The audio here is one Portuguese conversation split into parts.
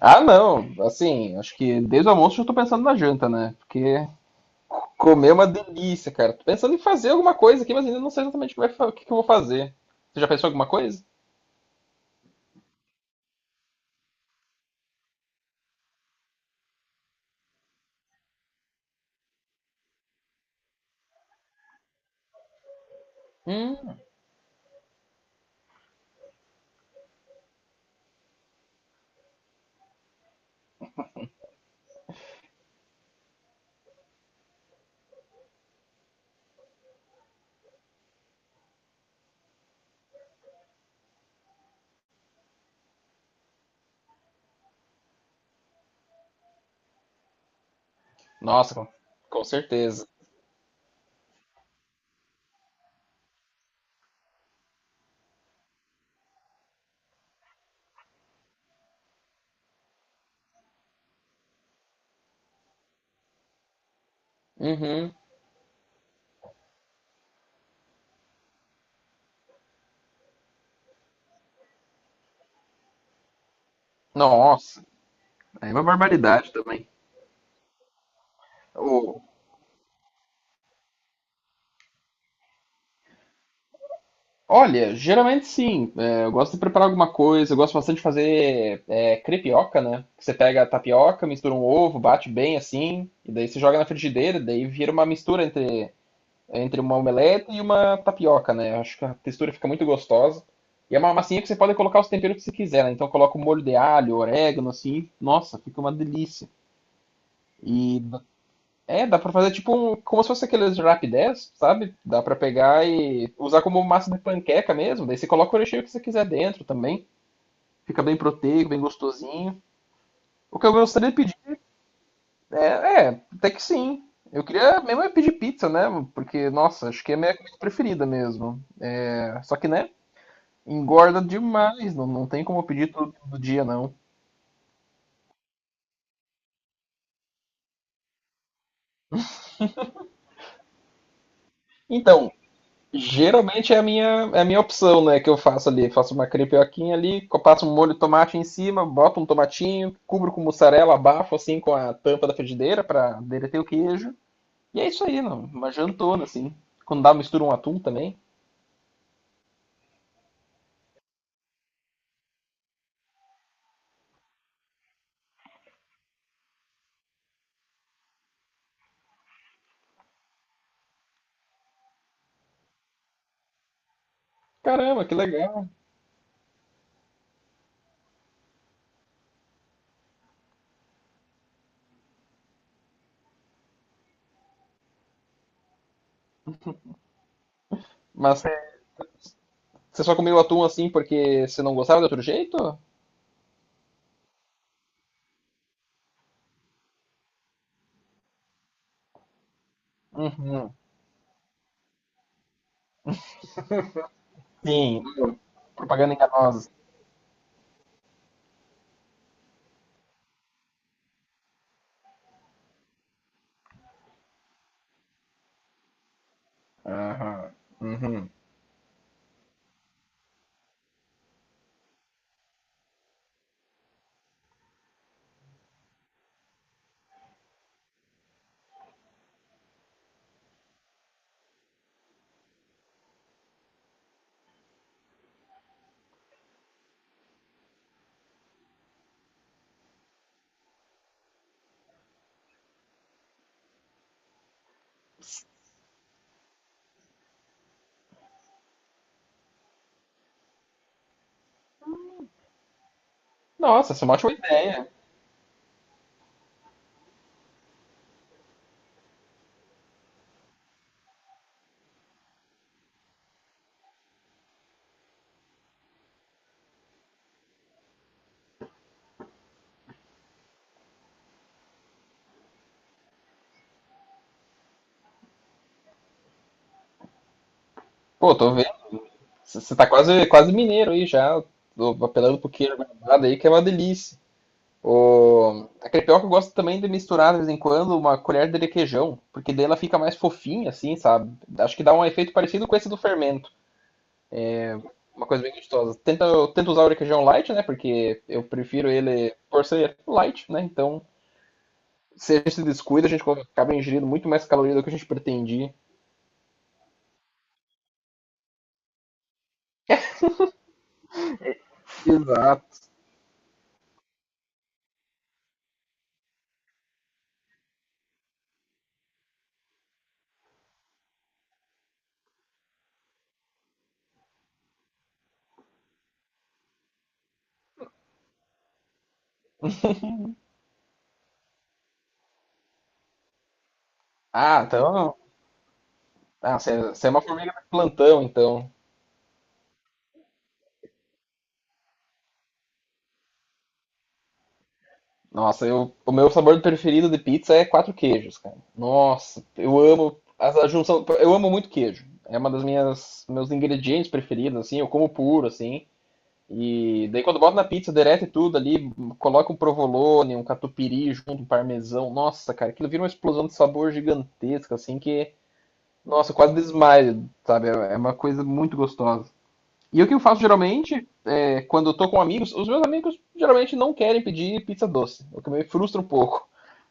Ah, não. Assim, acho que desde o almoço eu tô pensando na janta, né? Porque comer é uma delícia, cara. Tô pensando em fazer alguma coisa aqui, mas ainda não sei exatamente o que, o que que eu vou fazer. Você já pensou em alguma coisa? Hum. Nossa, com certeza. Uhum. Nossa, é uma barbaridade também. O- Olha, geralmente sim. É, eu gosto de preparar alguma coisa. Eu gosto bastante de fazer crepioca, né? Que você pega a tapioca, mistura um ovo, bate bem assim, e daí você joga na frigideira, daí vira uma mistura entre. É entre uma omelete e uma tapioca, né? Eu acho que a textura fica muito gostosa. E é uma massinha que você pode colocar os temperos que você quiser, né? Então coloca o molho de alho, orégano, assim. Nossa, fica uma delícia. E d- dá pra fazer tipo um, como se fosse aqueles rapidez, sabe? Dá pra pegar e usar como massa de panqueca mesmo. Daí você coloca o recheio que você quiser dentro também. Fica bem proteico, bem gostosinho. O que eu gostaria de pedir é, é, até que sim. Eu queria mesmo é pedir pizza, né? Porque, nossa, acho que é a minha comida preferida mesmo. É, só que, né? Engorda demais, não tem como pedir tudo do dia, não. Então, geralmente é a minha opção, né, que eu faço ali. Faço uma crepioquinha ali, passo um molho de tomate em cima, boto um tomatinho, cubro com mussarela, abafo assim com a tampa da frigideira para derreter o queijo. E é isso aí, não, uma jantona, assim. Quando dá, mistura um atum também. Caramba, que legal. Mas é, você só comeu atum assim porque você não gostava de outro jeito? Uhum. Sim, propaganda enganosa. Aham. Uhum. Nossa, essa é uma ótima ideia. Pô, tô vendo. Você tá quase mineiro aí já. Tô apelando pro queijo guardado aí, que é uma delícia. O... A crepioca eu gosto também de misturar de vez em quando uma colher de requeijão, porque daí ela fica mais fofinha, assim, sabe? Acho que dá um efeito parecido com esse do fermento. Uma coisa bem gostosa. Eu tento usar o requeijão light, né? Porque eu prefiro ele por ser light, né? Então, a gente se descuida, a gente acaba ingerindo muito mais caloria do que a gente pretendia. Exato. Ah, então. Ah, você é uma formiga de plantão, então. Nossa, eu, o meu sabor preferido de pizza é quatro queijos, cara. Nossa, eu amo a junção, eu amo muito queijo. É uma das minhas meus ingredientes preferidos, assim, eu como puro, assim. E daí quando boto na pizza, derrete tudo ali, coloca um provolone, um catupiry junto, um parmesão. Nossa, cara, aquilo vira uma explosão de sabor gigantesca, assim, que, nossa, eu quase desmaio, sabe? É é uma coisa muito gostosa. E o que eu faço geralmente, é, quando eu tô com amigos, os meus amigos geralmente não querem pedir pizza doce, o que me frustra um pouco.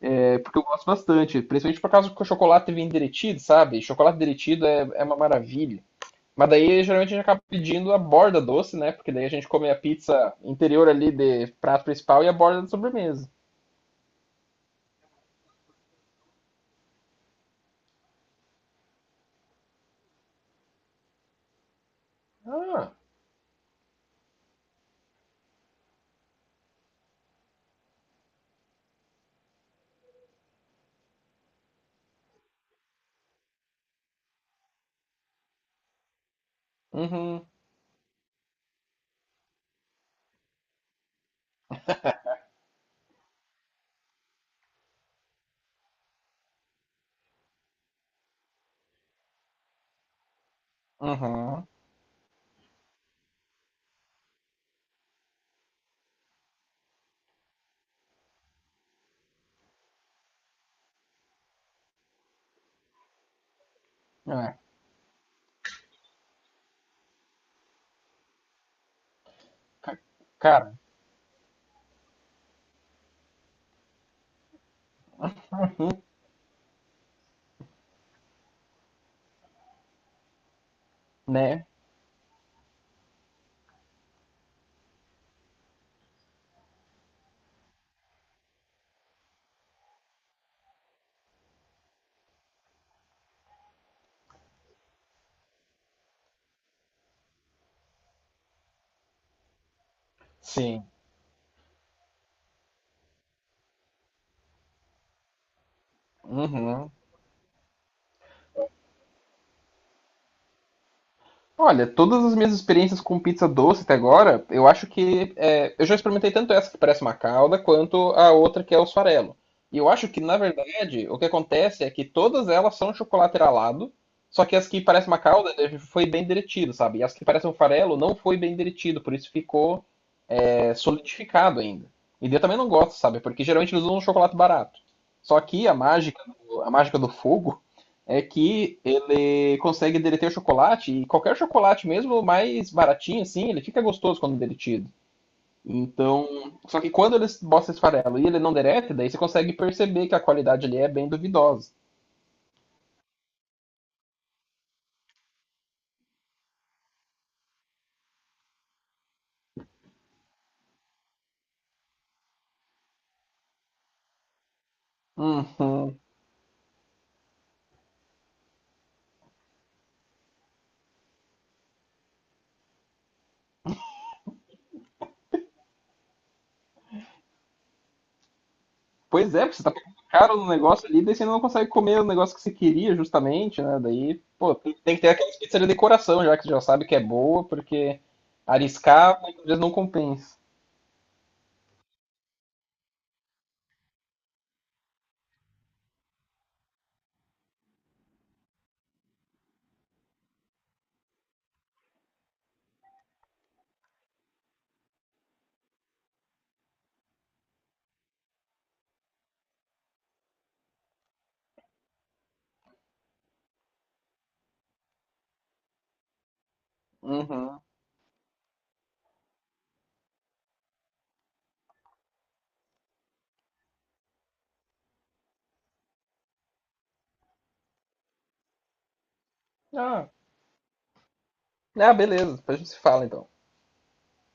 É, porque eu gosto bastante, principalmente por causa que o chocolate vem derretido, sabe? Chocolate derretido é uma maravilha. Mas daí geralmente a gente acaba pedindo a borda doce, né? Porque daí a gente come a pizza interior ali de prato principal e a borda de sobremesa. Ah, uhum, uhum. É, ca- cara, né? Sim. Uhum. Olha, todas as minhas experiências com pizza doce até agora, eu acho que eu já experimentei tanto essa que parece uma calda, quanto a outra que é o farelo. E eu acho que, na verdade, o que acontece é que todas elas são chocolate ralado, só que as que parecem uma calda foi bem derretido, sabe? E as que parecem um farelo não foi bem derretido, por isso ficou solidificado ainda. E eu também não gosto, sabe? Porque geralmente eles usam um chocolate barato. Só que a mágica do fogo é que ele consegue derreter o chocolate e qualquer chocolate mesmo mais baratinho assim, ele fica gostoso quando derretido. Então, só que quando eles botam esse farelo e ele não derrete, daí você consegue perceber que a qualidade ali é bem duvidosa. Uhum. Pois é, porque você tá pagando caro no negócio ali, daí você não consegue comer o negócio que você queria, justamente, né? Daí, pô, tem que ter aquela pizza de decoração, já que você já sabe que é boa, porque arriscar muitas vezes não compensa. Uhum. Ah, ah, beleza, depois a gente se fala então.